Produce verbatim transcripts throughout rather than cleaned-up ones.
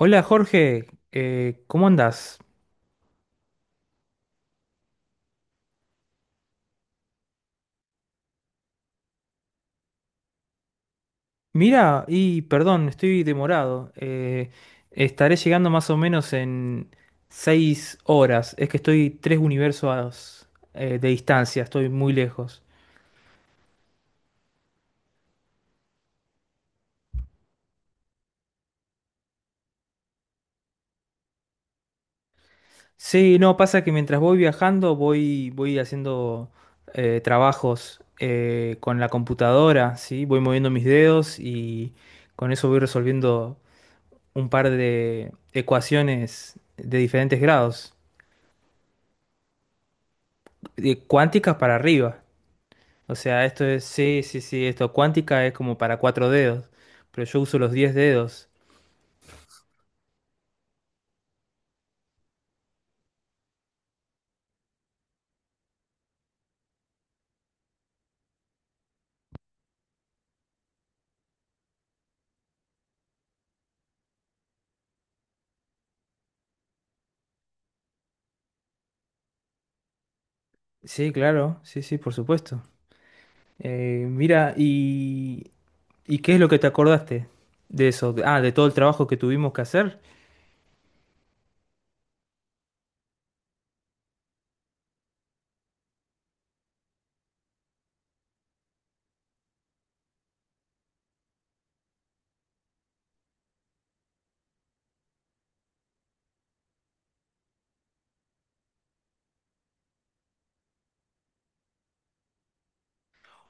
Hola, Jorge. Eh, ¿cómo andás? Mira, y perdón, estoy demorado. Eh, estaré llegando más o menos en seis horas. Es que estoy tres universos eh, de distancia, estoy muy lejos. Sí, no, pasa que mientras voy viajando voy, voy haciendo eh, trabajos eh, con la computadora, ¿sí? Voy moviendo mis dedos y con eso voy resolviendo un par de ecuaciones de diferentes grados. De cuántica para arriba. O sea, esto es, sí, sí, sí, esto cuántica es como para cuatro dedos, pero yo uso los diez dedos. Sí, claro, sí, sí, por supuesto. Eh, mira, y, ¿y qué es lo que te acordaste de eso? Ah, de todo el trabajo que tuvimos que hacer.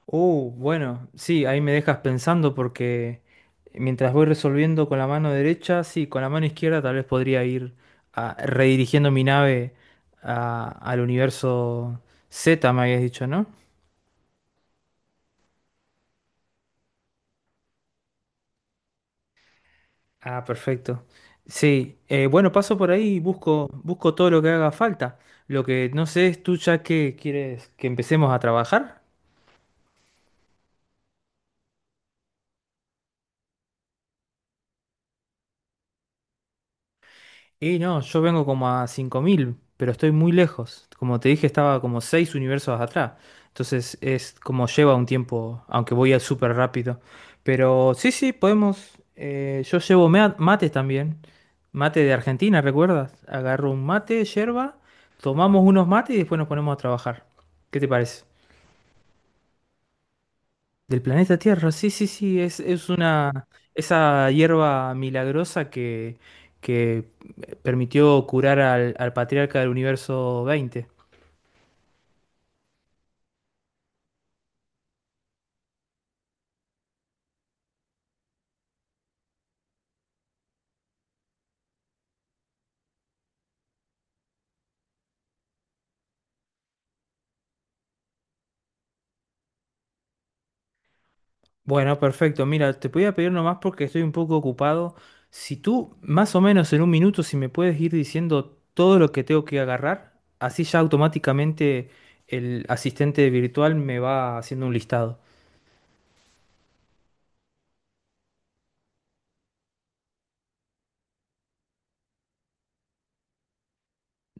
Oh, bueno, sí, ahí me dejas pensando porque mientras voy resolviendo con la mano derecha, sí, con la mano izquierda tal vez podría ir a- redirigiendo mi nave a- al universo Z, me habías dicho, ¿no? Ah, perfecto. Sí, eh, bueno, paso por ahí y busco, busco todo lo que haga falta. Lo que no sé es tú ya que quieres que empecemos a trabajar. Y no, yo vengo como a cinco mil, pero estoy muy lejos. Como te dije, estaba como seis universos atrás. Entonces es como lleva un tiempo, aunque voy a súper rápido. Pero sí, sí, podemos... eh, Yo llevo mea- mates también. Mate de Argentina, ¿recuerdas? Agarro un mate, yerba, tomamos unos mates y después nos ponemos a trabajar. ¿Qué te parece? Del planeta Tierra, sí, sí, sí, es, es una, esa hierba milagrosa que, que permitió curar al, al patriarca del universo veinte. Bueno, perfecto, mira, te podía pedir nomás porque estoy un poco ocupado. Si tú, más o menos en un minuto, si me puedes ir diciendo todo lo que tengo que agarrar, así ya automáticamente el asistente virtual me va haciendo un listado.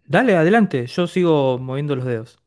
Dale, adelante, yo sigo moviendo los dedos.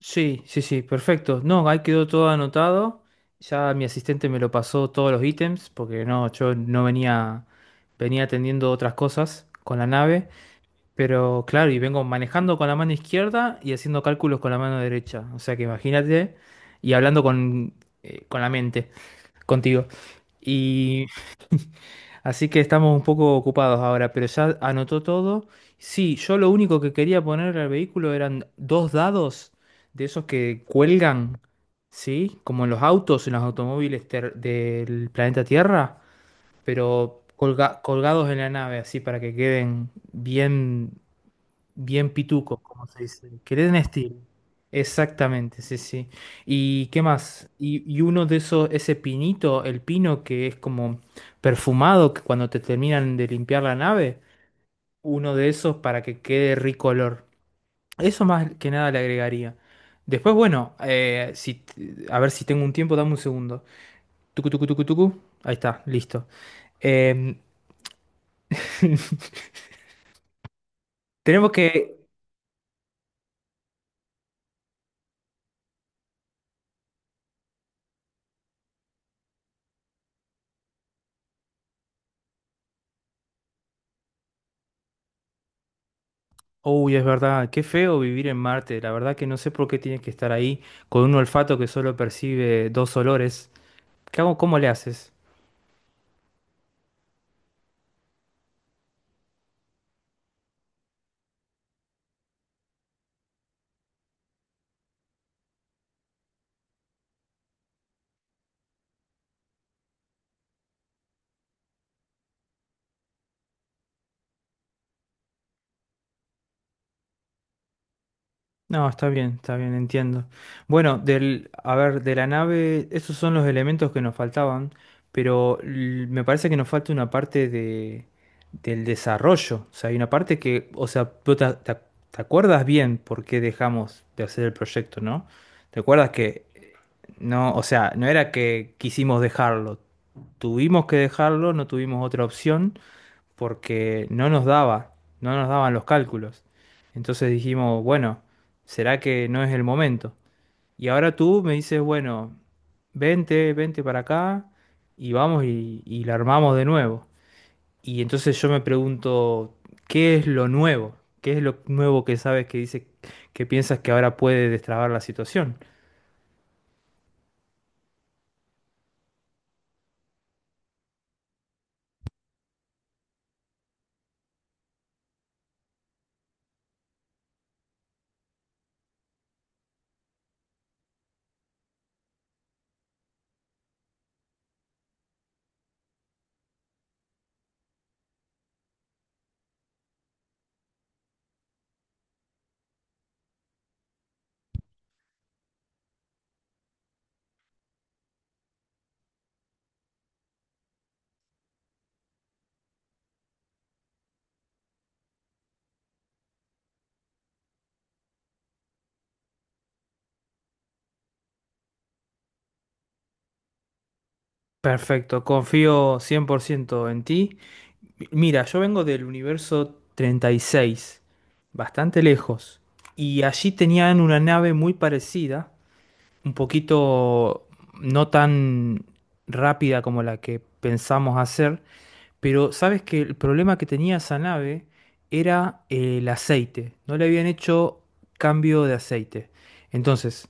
Sí, sí, sí, perfecto. No, ahí quedó todo anotado. Ya mi asistente me lo pasó todos los ítems, porque no, yo no venía, venía atendiendo otras cosas con la nave. Pero claro, y vengo manejando con la mano izquierda y haciendo cálculos con la mano derecha. O sea que imagínate, y hablando con, eh, con la mente, contigo. Y así que estamos un poco ocupados ahora, pero ya anotó todo. Sí, yo lo único que quería poner al vehículo eran dos dados de esos que cuelgan, ¿sí? Como en los autos, en los automóviles ter- del planeta Tierra, pero colga- colgados en la nave, así para que queden bien. Bien pituco, como se dice. Que le den estilo. Exactamente, sí, sí. ¿Y qué más? Y, y uno de esos, ese pinito, el pino que es como perfumado, que cuando te terminan de limpiar la nave, uno de esos para que quede rico olor. Eso más que nada le agregaría. Después, bueno, eh, si, t- a ver si tengo un tiempo, dame un segundo. Tucu, tucu, tucu, tucu. Ahí está, listo. Em, tenemos que... Uy, es verdad, qué feo vivir en Marte. La verdad que no sé por qué tienes que estar ahí con un olfato que solo percibe dos olores. ¿Qué hago? ¿Cómo le haces? No, está bien, está bien, entiendo. Bueno, del, a ver, de la nave, esos son los elementos que nos faltaban, pero l- me parece que nos falta una parte de, del desarrollo. O sea, hay una parte que, o sea, tú te, te- te acuerdas bien por qué dejamos de hacer el proyecto, ¿no? ¿Te acuerdas que eh, no, o sea, no era que quisimos dejarlo, tuvimos que dejarlo, no tuvimos otra opción porque no nos daba, no nos daban los cálculos? Entonces dijimos, bueno, ¿será que no es el momento? Y ahora tú me dices, bueno, vente, vente para acá y vamos y, y la armamos de nuevo. Y entonces yo me pregunto, ¿qué es lo nuevo? ¿Qué es lo nuevo que sabes, que dice, que piensas que ahora puede destrabar la situación? Perfecto, confío cien por ciento en ti. Mi- Mira, yo vengo del universo treinta y seis, bastante lejos, y allí tenían una nave muy parecida, un poquito no tan rápida como la que pensamos hacer, pero sabes que el problema que tenía esa nave era el aceite, no le habían hecho cambio de aceite. Entonces,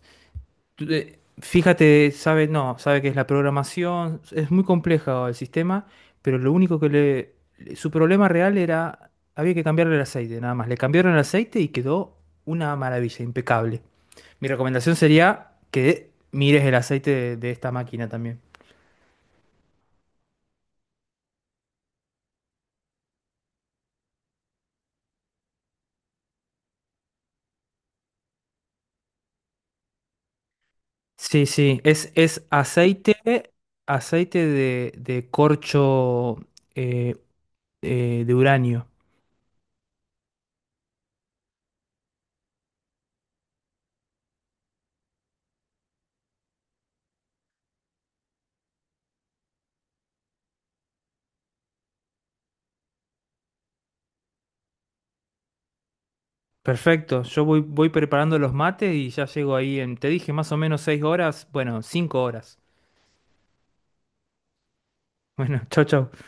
tú, eh, fíjate, sabe, no, sabe que es la programación, es muy compleja el sistema, pero lo único que le, le- su problema real era, había que cambiarle el aceite, nada más. Le cambiaron el aceite y quedó una maravilla, impecable. Mi recomendación sería que mires el aceite de, de esta máquina también. Sí, sí, es, es aceite, aceite de, de corcho eh, eh, de uranio. Perfecto, yo voy, voy preparando los mates y ya llego ahí en, te dije, más o menos seis horas, bueno, cinco horas. Bueno, chau, chau.